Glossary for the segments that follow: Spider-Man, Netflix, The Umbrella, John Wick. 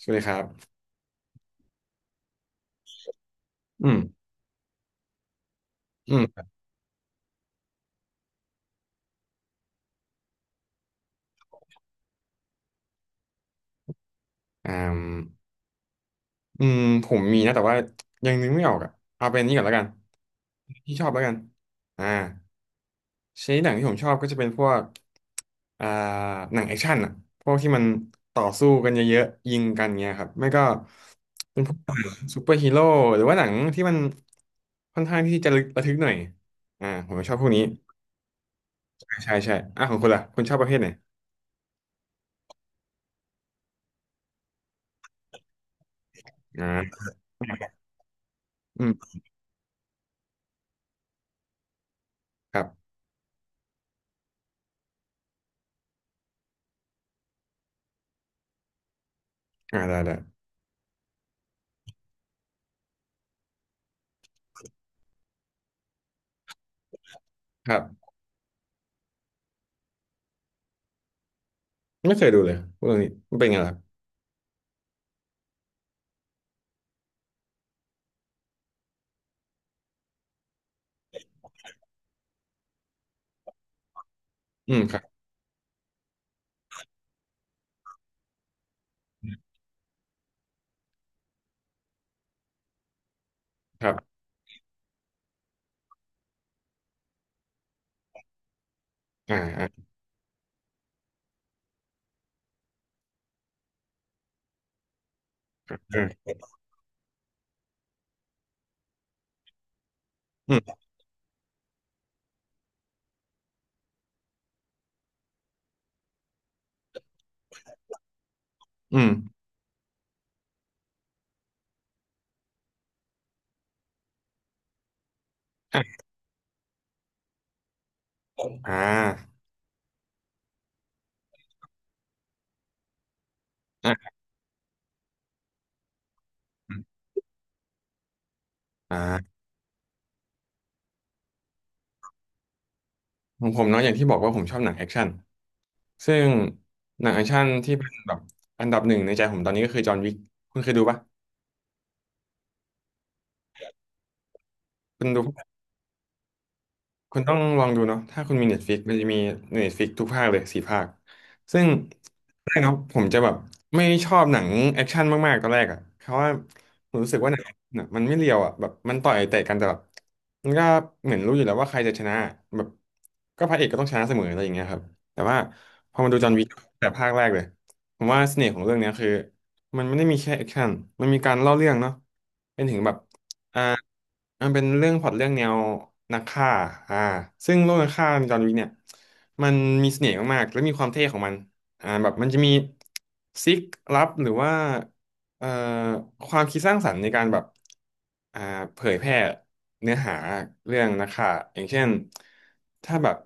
สวัสดีครับอืมอืมอ่าอืมผมมีนะแต่ว่ายังนึกไม่ออกอ่ะเอาเป็นนี้ก่อนแล้วกันที่ชอบแล้วกันอ่าชนิดหนังที่ผมชอบก็จะเป็นพวกอ่าหนังแอคชั่นอ่ะพวกที่มันต่อสู้กันเยอะๆยิงกันเงี้ยครับไม่ก็เป็นพวกซูเปอร์ฮีโร่หรือว่าหนังที่มันค่อนข้างที่จะระทึกหน่อยผมชอบพวกนี้ใช่ใช่อ่ะของคุณล่ะคุณชอบประเภทไหนอ่าอืมครับอ่าได้ได้ครับไม่เคยดูเลยพวกเรื่องนี้มันเป็นไงล่ะ อืมครับครับอ่าอ่าครับเอออืมอืมอ่ะอ่าอ่ะอ่าของผมเนาะอย่างที่บอกว่าผมชอบหนังแอคชั่นซึ่งหนังแอคชั่นที่เป็นแบบอันดับหนึ่งในใจผมตอนนี้ก็คือจอห์นวิกคุณเคยดูปะคุณดู คุณต้องลองดูเนาะถ้าคุณมี Netflix มันจะมี Netflix ทุกภาคเลยสี่ภาคซึ่งแรกเนาะผมจะแบบไม่ชอบหนังแอคชั่นมากๆตอนแรกอ่ะเพราะว่าผมรู้สึกว่าหนังน่ะมันไม่เรียวอ่ะแบบมันต่อยเตะกันแต่แบบมันก็เหมือนรู้อยู่แล้วว่าใครจะชนะแบบก็พระเอกก็ต้องชนะเสมออะไรอย่างเงี้ยครับแต่ว่าพอมาดูจอห์นวิกแต่ภาคแรกเลยผมว่าเสน่ห์ของเรื่องเนี้ยคือมันไม่ได้มีแค่แอคชั่นมันมีการเล่าเรื่องเนาะเป็นถึงแบบ มันเป็นเรื่องพล็อตเรื่องแนวนักฆ่าอ่าซึ่งโลกนักฆ่าในจอห์นวิกเนี่ยมันมีเสน่ห์มากๆ และมีความเท่ของมันแบบมันจะมีซิกลับหรือว่าเอ่อความคิดสร้างสรรค์ในการแบบอ่าเผยแพร่เนื้อหาเรื่องนักฆ่าอย่างเช่น ถ้าแบบ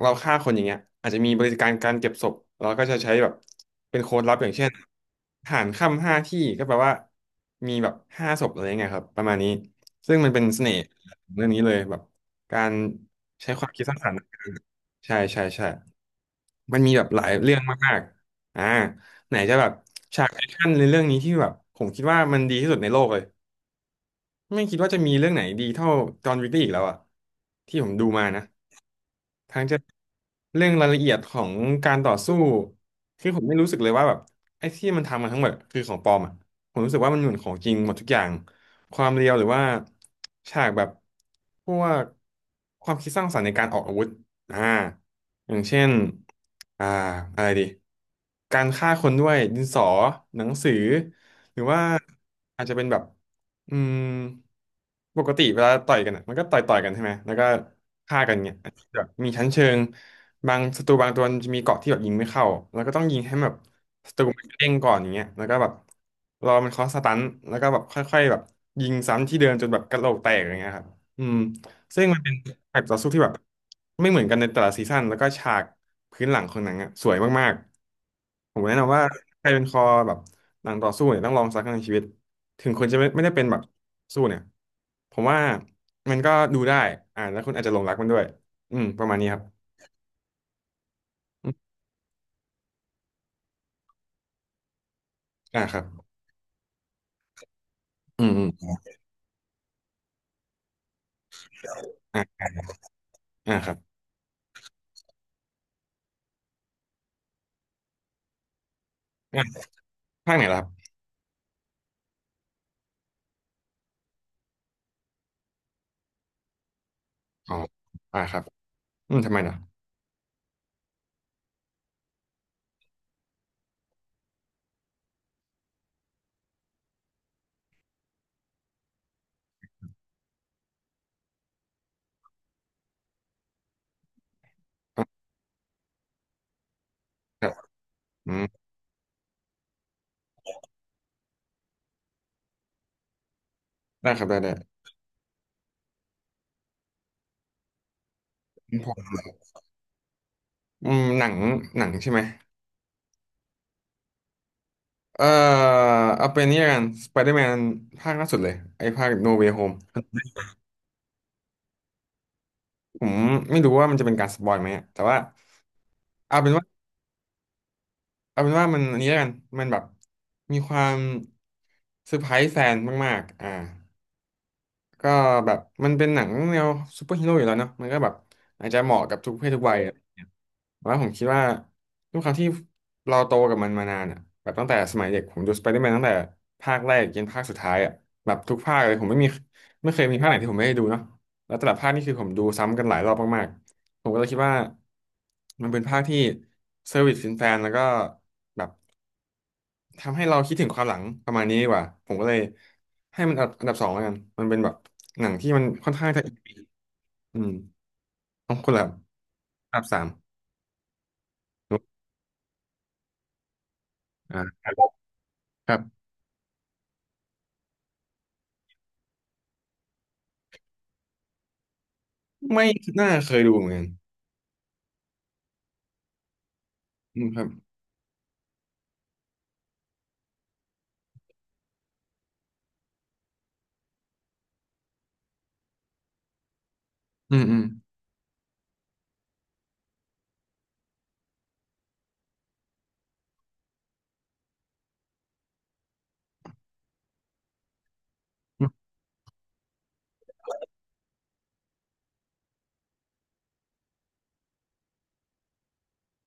เราฆ่าคนอย่างเงี้ยอาจจะมีบริการการเก็บศพเราก็จะใช้แบบเป็นโค้ดลับอย่างเช่นหารค่ำห้าที่ก็แปลว่ามีแบบห้าศพอะไรเงี้ยครับประมาณนี้ ซึ่งมันเป็นเสน่ห์ของเรื่องนี้เลยแบบการใช้ความคิดสร้างสรรค์ใช่ใช่ใช่มันมีแบบหลายเรื่องมากๆไหนจะแบบฉากแอคชั่นในเรื่องนี้ที่แบบผมคิดว่ามันดีที่สุดในโลกเลยไม่คิดว่าจะมีเรื่องไหนดีเท่าจอห์นวิกได้อีกแล้วอ่ะที่ผมดูมานะ ทั้งจะเรื่องรายละเอียดของการต่อสู้คือผมไม่รู้สึกเลยว่าแบบไอ้ที่มันทำมาทั้งหมดคือของปลอมอ่ะผมรู้สึกว่ามันเหมือนของจริงหมดทุกอย่างความเรียวหรือว่าฉากแบบพวกความคิดสร้างสรรค์ในการออกอาวุธอ่าอย่างเช่นอ่าอะไรดีการฆ่าคนด้วยดินสอหนังสือหรือว่าอาจจะเป็นแบบอืมปกติเวลาต่อยกันอ่ะมันก็ต่อยกันใช่ไหมแล้วก็ฆ่ากันเงี้ย แบบมีชั้นเชิงบางศัตรูบางตัวมันจะมีเกราะที่แบบยิงไม่เข้าแล้วก็ต้องยิงให้แบบศัตรูมันเด้งก่อนอย่างเงี้ยแล้วก็แบบรอมันเคาะสตันแล้วก็แบบค่อยๆแบบยิงซ้ำที่เดิมจนแบบกระโหลกแตกอย่างเงี้ยครับอืมซึ่งมันเป็นแบบต่อสู้ที่แบบไม่เหมือนกันในแต่ละซีซั่นแล้วก็ฉากพื้นหลังของหนังอ่ะสวยมากๆผมแนะนำว่าใครเป็นคอแบบหนังต่อสู้เนี่ยต้องลองสักครั้งในชีวิตถึงคุณจะไม่ได้เป็นแบบสู้เนี่ยผมว่ามันก็ดูได้แล้วคุณอาจจะหลงรักมันด้วย อืมประมาณนี้ครับอืมอ่าครับอืมอืมอ่าอ่าครับอ่าภาคไหนล่ะครับอ๋ออ่าครับอืมทำไมล่ะอ่าครับอืมได้ครับได้ได้ผมอืมหนังใช่ไหม เอ่อเอาเป็นนี่ละกันสไปเดอร์แมนภาคล่าสุดเลยไอ้ภาคโนเว y h โฮมผมไม่รู้ว่ามันจะเป็นการสปอยไหมอะแต่ว่าเอาเป็นว่าเอาเป็นว่ามันอันนี้ละกันมันแบบมีความเซอร์ไพรส์แฟนมากๆอ่า ก็แบบมันเป็นหนังแนวซูเปอร์ฮีโร่อยู่แล้วเนาะมันก็แบบอาจจะเหมาะกับทุกเพศทุกวัยอะไร่เงี้ยแต่ว่าผมคิดว่าด้วยความที่เราโตกับมันมานานแบบตั้งแต่สมัยเด็กผมดูสไปเดอร์แมนตั้งแต่ภาคแรกยันภาคสุดท้ายแบบทุกภาคเลยผมไม่เคยมีภาคไหนที่ผมไม่ได้ดูเนาะแล้วแต่ละภาคนี่คือผมดูซ้ำกันหลายรอบมากๆผมก็เลยคิดว่ามันเป็นภาคที่เซอร์วิสแฟนๆแล้วก็แบบ ทำให้เราคิดถึงความหลังประมาณนี้ดีกว่าผมก็เลยให้มันอันดับสองแล้วกันมันเป็นแบบหนังที่มันค่อนข้างจะอีพีอืมต้องคนละอันดับสามอ่าครับครับไม่น่าเคยดูเหมือนกันอืมครับอืมอืมอืม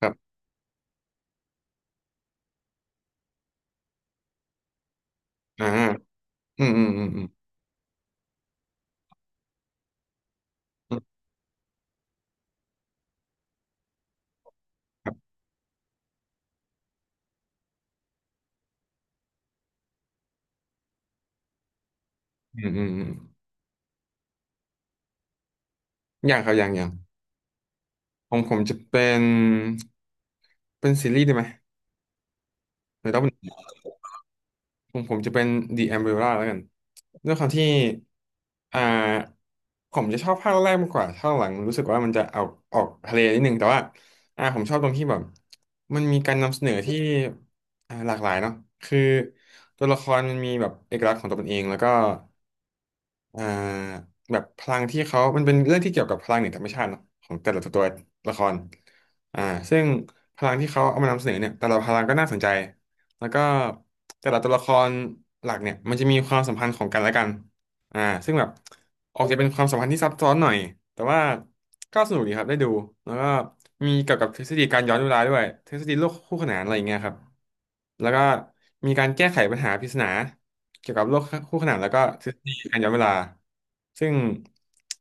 ครับอ่าอืมอืมอืมอืมอืมครับอืมอืมอืมอย่างครับอย่างของผมจะเป็นเป็นซีรีส์ได้ไหมหรือต้อง ผมจะเป็น The Umbrella แล้วกันด้วยความที่อ่าผมจะชอบภาคแรกมากกว่าภาคหลังรู้สึกว่ามันจะเอาออกทะเลนิดนึง แต่ว่าผมชอบตรงที่แบบมันมีการนำเสนอที่หลากหลายเนาะคือตัวละครมันมีแบบเอกลักษณ์ของตัวมันเอง แล้วก็อ่าแบบพลังที่เขา มันเป็นเรื่องที่เกี่ยวกับพลังเหนือธรรมชาติเนอะของแต่ละตัวละครอ่าซึ่งพลังที่เขาเอามานำเสนอเนี่ย แต่ละพลังก็น่าสนใจ แล้วก็แต่ละตัวละครหลักเนี่ยมันจะมีความสัมพันธ์ของกันและกันอ่าซึ่งแบบออกจะเป็นความสัมพันธ์ที่ซับซ้อนหน่อยแต่ว่าก็สนุกดีครับได้ดูแล้วก็มีเกี่ยวกับทฤษฎีการย้อนเวลาด้วยทฤษฎีโลกคู่ขนานอะไรอย่างเงี้ยครับแล้วก็มีการแก้ไขปัญหาปริศนาเกี่ยวกับโลกคู่ขนานแล้วก็ทฤษฎีการย้อนเวลาซึ่ง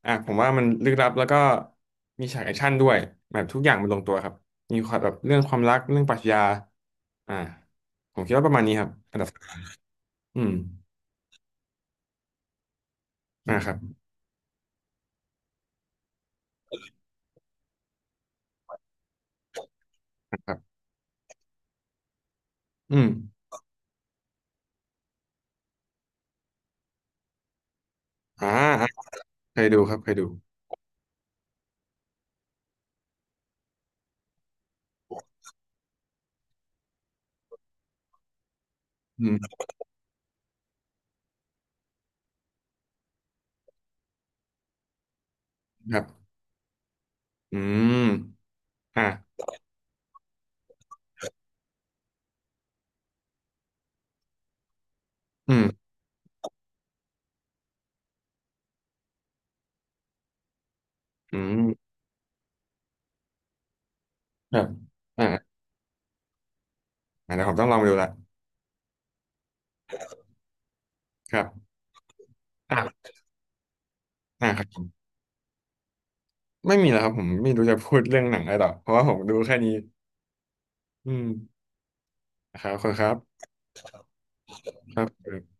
ผมว่ามันลึกลับแล้วก็มีฉากแอคชั่นด้วยแบบทุกอย่างมันลงตัวครับ มีความแบบเรื่องความรักเรื่องปรัชญาอ่าผมคิดว่าประมาณนี้ครับอันดับอืมอ่าครับอ่าครับอืมอ่าอ่าเคยดูครับเคยดูอืมครับอืมอ่าอืมอืมครับอ่าอ่าเดี๋ยวผมต้องลองไปดูละครับอ่าอ่าครับผมไม่มีแล้วครับผมไม่รู้จะพูดเรื่องหนังอะไรต่อเพราะว่าผมดูแค่นี้อืมนะครับขอบคุณครับครับ